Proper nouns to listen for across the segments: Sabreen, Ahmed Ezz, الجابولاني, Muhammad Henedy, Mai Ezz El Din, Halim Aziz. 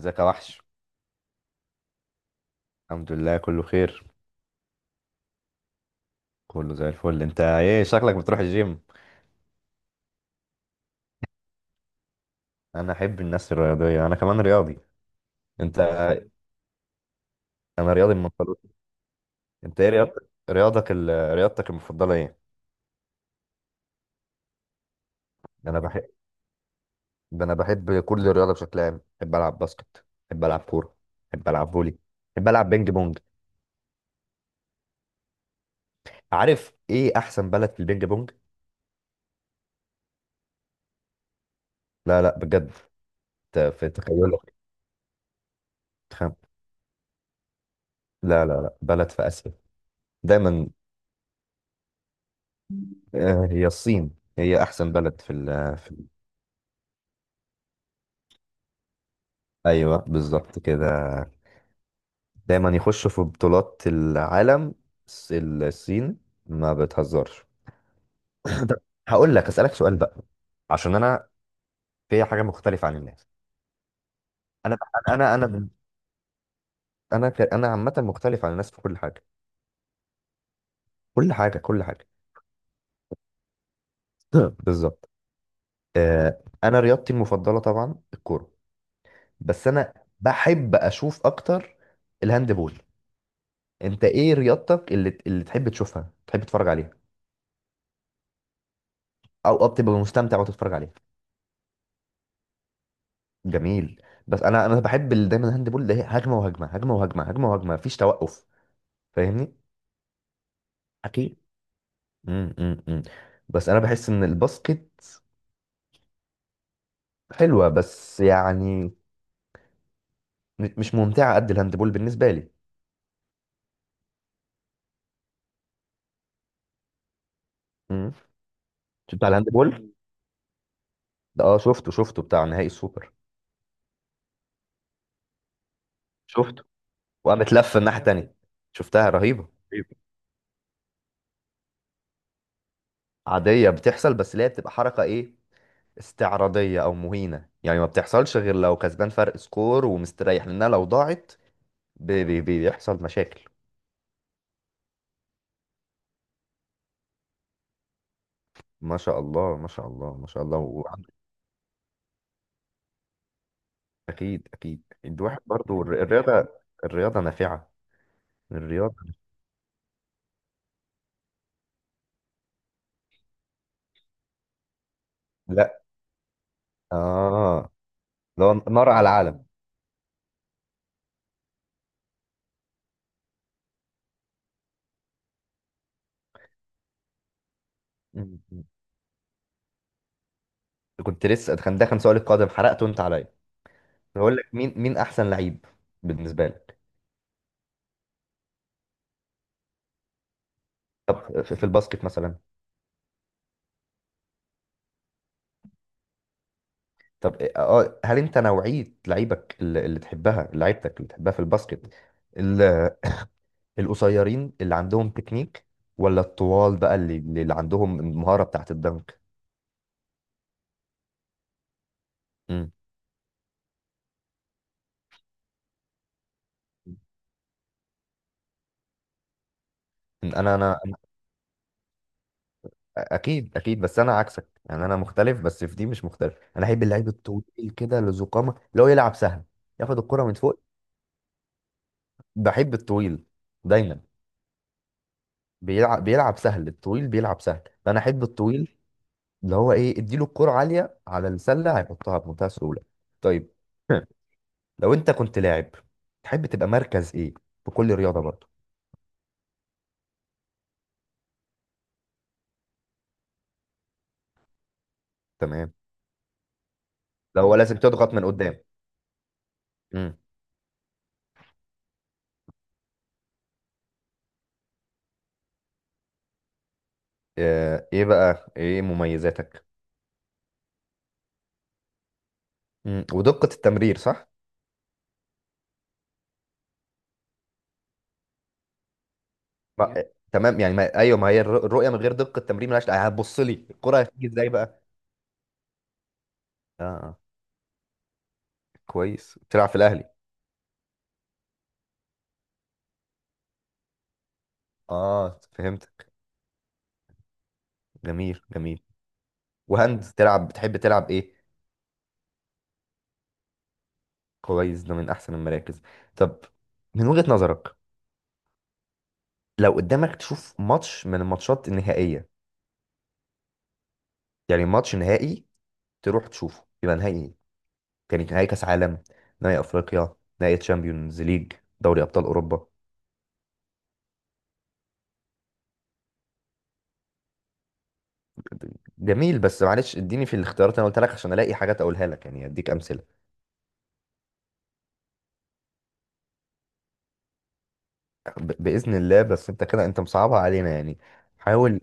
ازيك يا وحش. الحمد لله كله خير. كله زي الفل. انت ايه شكلك بتروح الجيم؟ انا احب الناس الرياضيه، انا كمان رياضي. انت. انا رياضي من مفضلات. انت ايه رياضتك؟ رياضتك المفضله ايه؟ انا بحب انا بحب كل الرياضه بشكل عام، بحب العب باسكت، بحب العب كوره، بحب العب فولي، بحب العب بينج بونج. عارف ايه احسن بلد في البينج بونج؟ لا لا، بجد، انت في تخيلك. تخم- لا لا لا، بلد في اسيا. دايما. هي الصين، هي احسن بلد في ايوه، بالظبط كده، دايما يخشوا في بطولات العالم. الصين ما بتهزرش. طب، هقول لك اسالك سؤال بقى. عشان انا في حاجه مختلفه عن الناس. انا انا انا عامه مختلف عن الناس في كل حاجه، كل حاجه كل حاجه. بالظبط. انا رياضتي المفضله طبعا الكوره، بس انا بحب اشوف اكتر الهاندبول. انت ايه رياضتك اللي تحب تشوفها، تحب تتفرج عليها؟ او بتبقى مستمتع وتتفرج عليها؟ جميل. بس انا بحب دايما الهاند بول ده، هي هجمه وهجمه، هجمه وهجمه، هجمه وهجمه، مفيش توقف. فاهمني؟ اكيد. امم امم بس انا بحس ان الباسكت حلوه، بس يعني مش ممتعه قد الهاند بول بالنسبه لي. امم. بتاع الهاند بول ده. اه، شفته، شفته بتاع نهائي السوبر. شفته. وقامت لفه الناحيه التانيه، شفتها رهيبه. طيب. عاديه بتحصل، بس اللي هي بتبقى حركه ايه، استعراضيه او مهينه، يعني ما بتحصلش غير لو كسبان فرق سكور ومستريح، لانها لو ضاعت بي بي بيحصل مشاكل. ما شاء الله ما شاء الله ما شاء الله. اكيد اكيد. الواحد برضو الرياضه، الرياضه نافعه. الرياضه. لا. اه. لو نار على العالم. م- م. كنت لسه، كان ده كان سؤال القادم، حرقته انت عليا. بقول لك مين احسن لعيب بالنسبه لك؟ طب في الباسكت مثلا؟ طب اه، هل انت نوعيه لعيبك اللي تحبها، لعيبتك اللي تحبها في الباسكت القصيرين اللي عندهم تكنيك، ولا الطوال بقى اللي عندهم المهارة بتاعت الدنك؟ مم. انا انا أنا- اكيد اكيد، بس انا عكسك يعني، انا مختلف بس في دي مش مختلف، انا احب اللعيب الطويل كده اللي ذو قامه، اللي هو يلعب سهل، ياخد الكرة من فوق. بحب الطويل دايما. بيلعب، بيلعب سهل، الطويل بيلعب سهل، فانا احب الطويل. اللي هو ايه، اديله الكرة عالية على السلة هيحطها بمنتهى السهولة. طيب. لو انت كنت لاعب، تحب تبقى مركز ايه في كل رياضة برضه؟ تمام. لو هو لازم تضغط من قدام. امم. آه، ايه بقى ايه مميزاتك؟ امم، ودقة التمرير صح؟ ما... يب. آه، تمام يعني. ما... ايوه، ما هي الرؤية من غير دقة التمرير ملهاش، آه، هتبص لي الكرة هتيجي ازاي بقى. اه، آه، كويس تلعب في الاهلي. اه فهمتك. جميل جميل. وهند تلعب، بتحب تلعب ايه؟ كويس، ده من احسن المراكز. طب، من وجهة نظرك، لو قدامك تشوف ماتش من الماتشات النهائية، يعني ماتش نهائي تروح تشوفه، يبقى نهائي إيه؟ كانت نهائي كاس عالم، نهائي افريقيا، نهائي تشامبيونز ليج، دوري ابطال اوروبا. جميل، بس معلش اديني في الاختيارات اللي انا قلت لك عشان الاقي حاجات اقولها لك، يعني اديك امثله. باذن الله، بس انت كده انت مصعبها علينا يعني. حاول.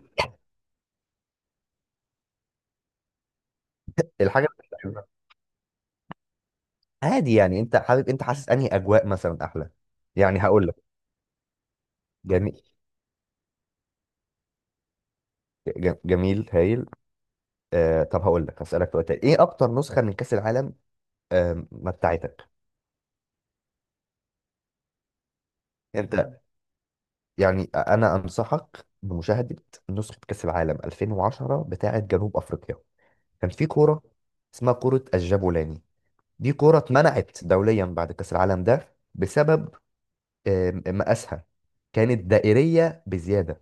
الحاجه اللي انت عايزها. عادي، يعني انت حابب، انت حاسس انهي اجواء مثلا احلى؟ يعني هقول لك. جميل. جميل هايل. آه طب هقول لك، هسالك سؤال تاني، ايه اكتر نسخه من كاس العالم آه متعتك؟ انت، يعني انا انصحك بمشاهده نسخه كاس العالم 2010 بتاعه جنوب افريقيا. كان في كوره اسمها كوره الجابولاني. دي كوره اتمنعت دوليا بعد كاس العالم ده بسبب، مقاسها، كانت دائريه بزياده،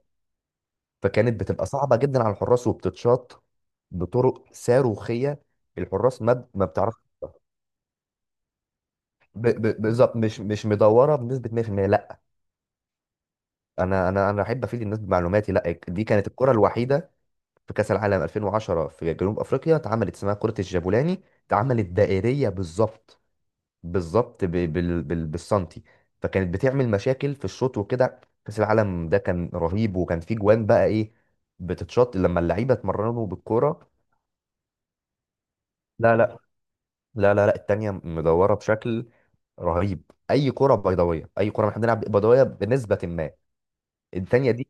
فكانت بتبقى صعبه جدا على الحراس وبتتشاط بطرق صاروخيه، الحراس ما بتعرف. بالظبط، مش مش مدوره بنسبه 100%، لا. انا انا احب افيد الناس بمعلوماتي. لا، دي كانت الكره الوحيده في كأس العالم 2010 في جنوب أفريقيا، اتعملت اسمها كرة الجابولاني، اتعملت دائرية بالظبط، بالظبط بالسنتي. فكانت بتعمل مشاكل في الشوط وكده. كأس العالم ده كان رهيب، وكان فيه جوان بقى إيه، بتتشط لما اللعيبة اتمرنوا بالكرة. لا لا لا لا لا، التانية مدورة بشكل رهيب. أي كرة بيضاوية، أي كرة احنا بنلعب بيضاوية بنسبة ما. التانية دي،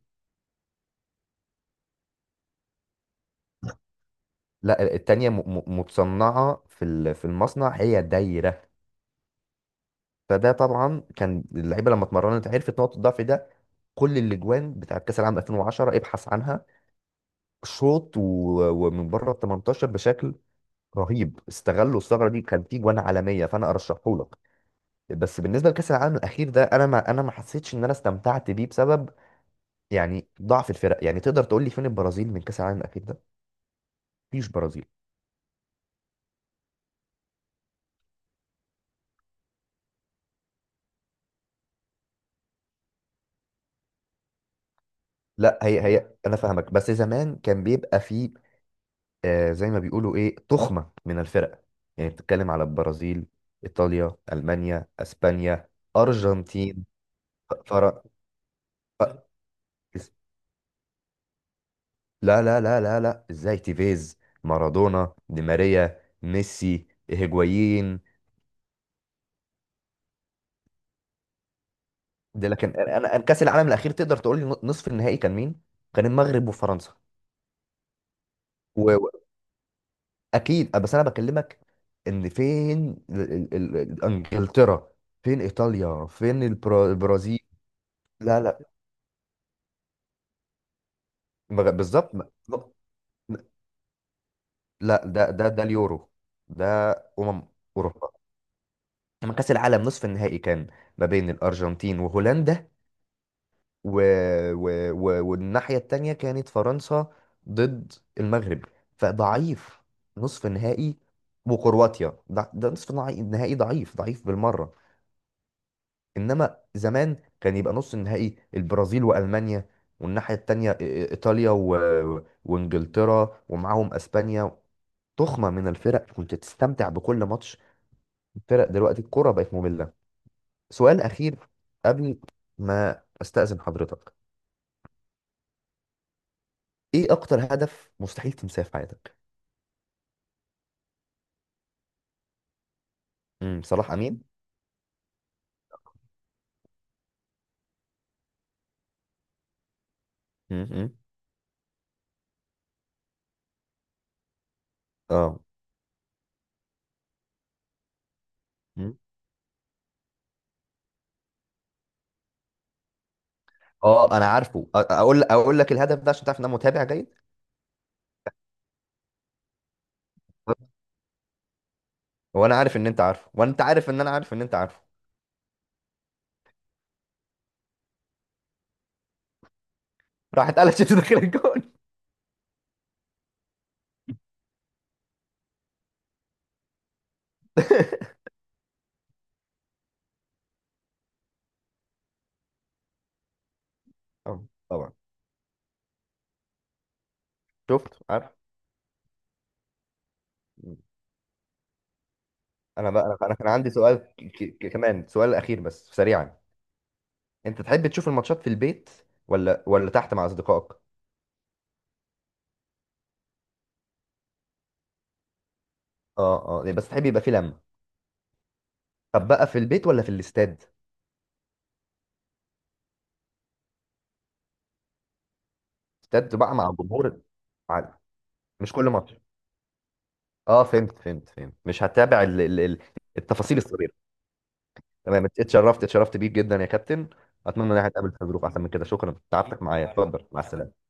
لا التانية متصنعة في في المصنع، هي دايرة. فده طبعا كان اللعيبه لما اتمرنت عرفت نقطه الضعف ده. كل الاجوان بتاعت كاس العالم 2010 ابحث عنها، شوط ومن بره ال 18 بشكل رهيب، استغلوا الثغره دي، كان في جوان عالميه فانا ارشحه لك. بس بالنسبه لكاس العالم الاخير ده، انا ما حسيتش ان انا استمتعت بيه بسبب، يعني ضعف الفرق. يعني تقدر تقول لي فين البرازيل من كاس العالم الاخير ده؟ مفيش برازيل. لا هي هي، انا فاهمك، بس زمان كان بيبقى فيه، آه، زي ما بيقولوا ايه، تخمة من الفرق. يعني بتتكلم على البرازيل، ايطاليا، المانيا، اسبانيا، ارجنتين، فرق. لا، ازاي؟ تيفيز، مارادونا، دي ماريا، ميسي، هيجوايين. ده لكن انا، أنا كاس العالم الاخير تقدر تقول لي نصف النهائي كان مين؟ كان المغرب وفرنسا. واكيد، بس انا بكلمك ان فين انجلترا، فين ايطاليا، فين البرازيل. لا لا. بالظبط. لا، ده اليورو ده. أمم. أوروبا. لما كأس العالم نصف النهائي كان ما بين الأرجنتين وهولندا، و... والناحية التانية كانت فرنسا ضد المغرب، فضعيف نصف نهائي، وكرواتيا، ده نصف نهائي ضعيف، ضعيف بالمرة. إنما زمان كان يبقى نص النهائي البرازيل وألمانيا، والناحية التانية إيطاليا وإنجلترا ومعاهم أسبانيا، تخمة من الفرق، كنت تستمتع بكل ماتش. الفرق دلوقتي الكرة بقت مملة. سؤال أخير قبل ما أستأذن حضرتك، إيه أكتر هدف مستحيل تنساه في حياتك؟ امم، صلاح أمين؟ امم. آه. مم. آه، أنا عارفه، أقول، أقول لك الهدف ده عشان تعرف إن أنا متابع جيد. وأنا عارف إن أنت عارفه، وأنت عارف إن أنا عارف إن أنت عارفه. راح اتقلشت داخل الجون. آه، طبعا. شفت، عارف. مم. أنا بقى، أنا كان عندي سؤال كمان سؤال أخير بس سريعا. انت تحب تشوف الماتشات في البيت ولا تحت مع اصدقائك؟ اه اه، يعني بس تحب يبقى في لمه. طب بقى في البيت ولا في الاستاد؟ استاد بقى مع الجمهور، عادي، مش كل ماتش. اه، فهمت فهمت فهمت، مش هتابع ال ال ال التفاصيل الصغيره. تمام، اتشرفت، اتشرفت بيك جدا يا كابتن. اتمنى ان احنا نتقابل في ظروف احسن من كده، شكرا، تعبتك معايا، اتفضل مع السلامه.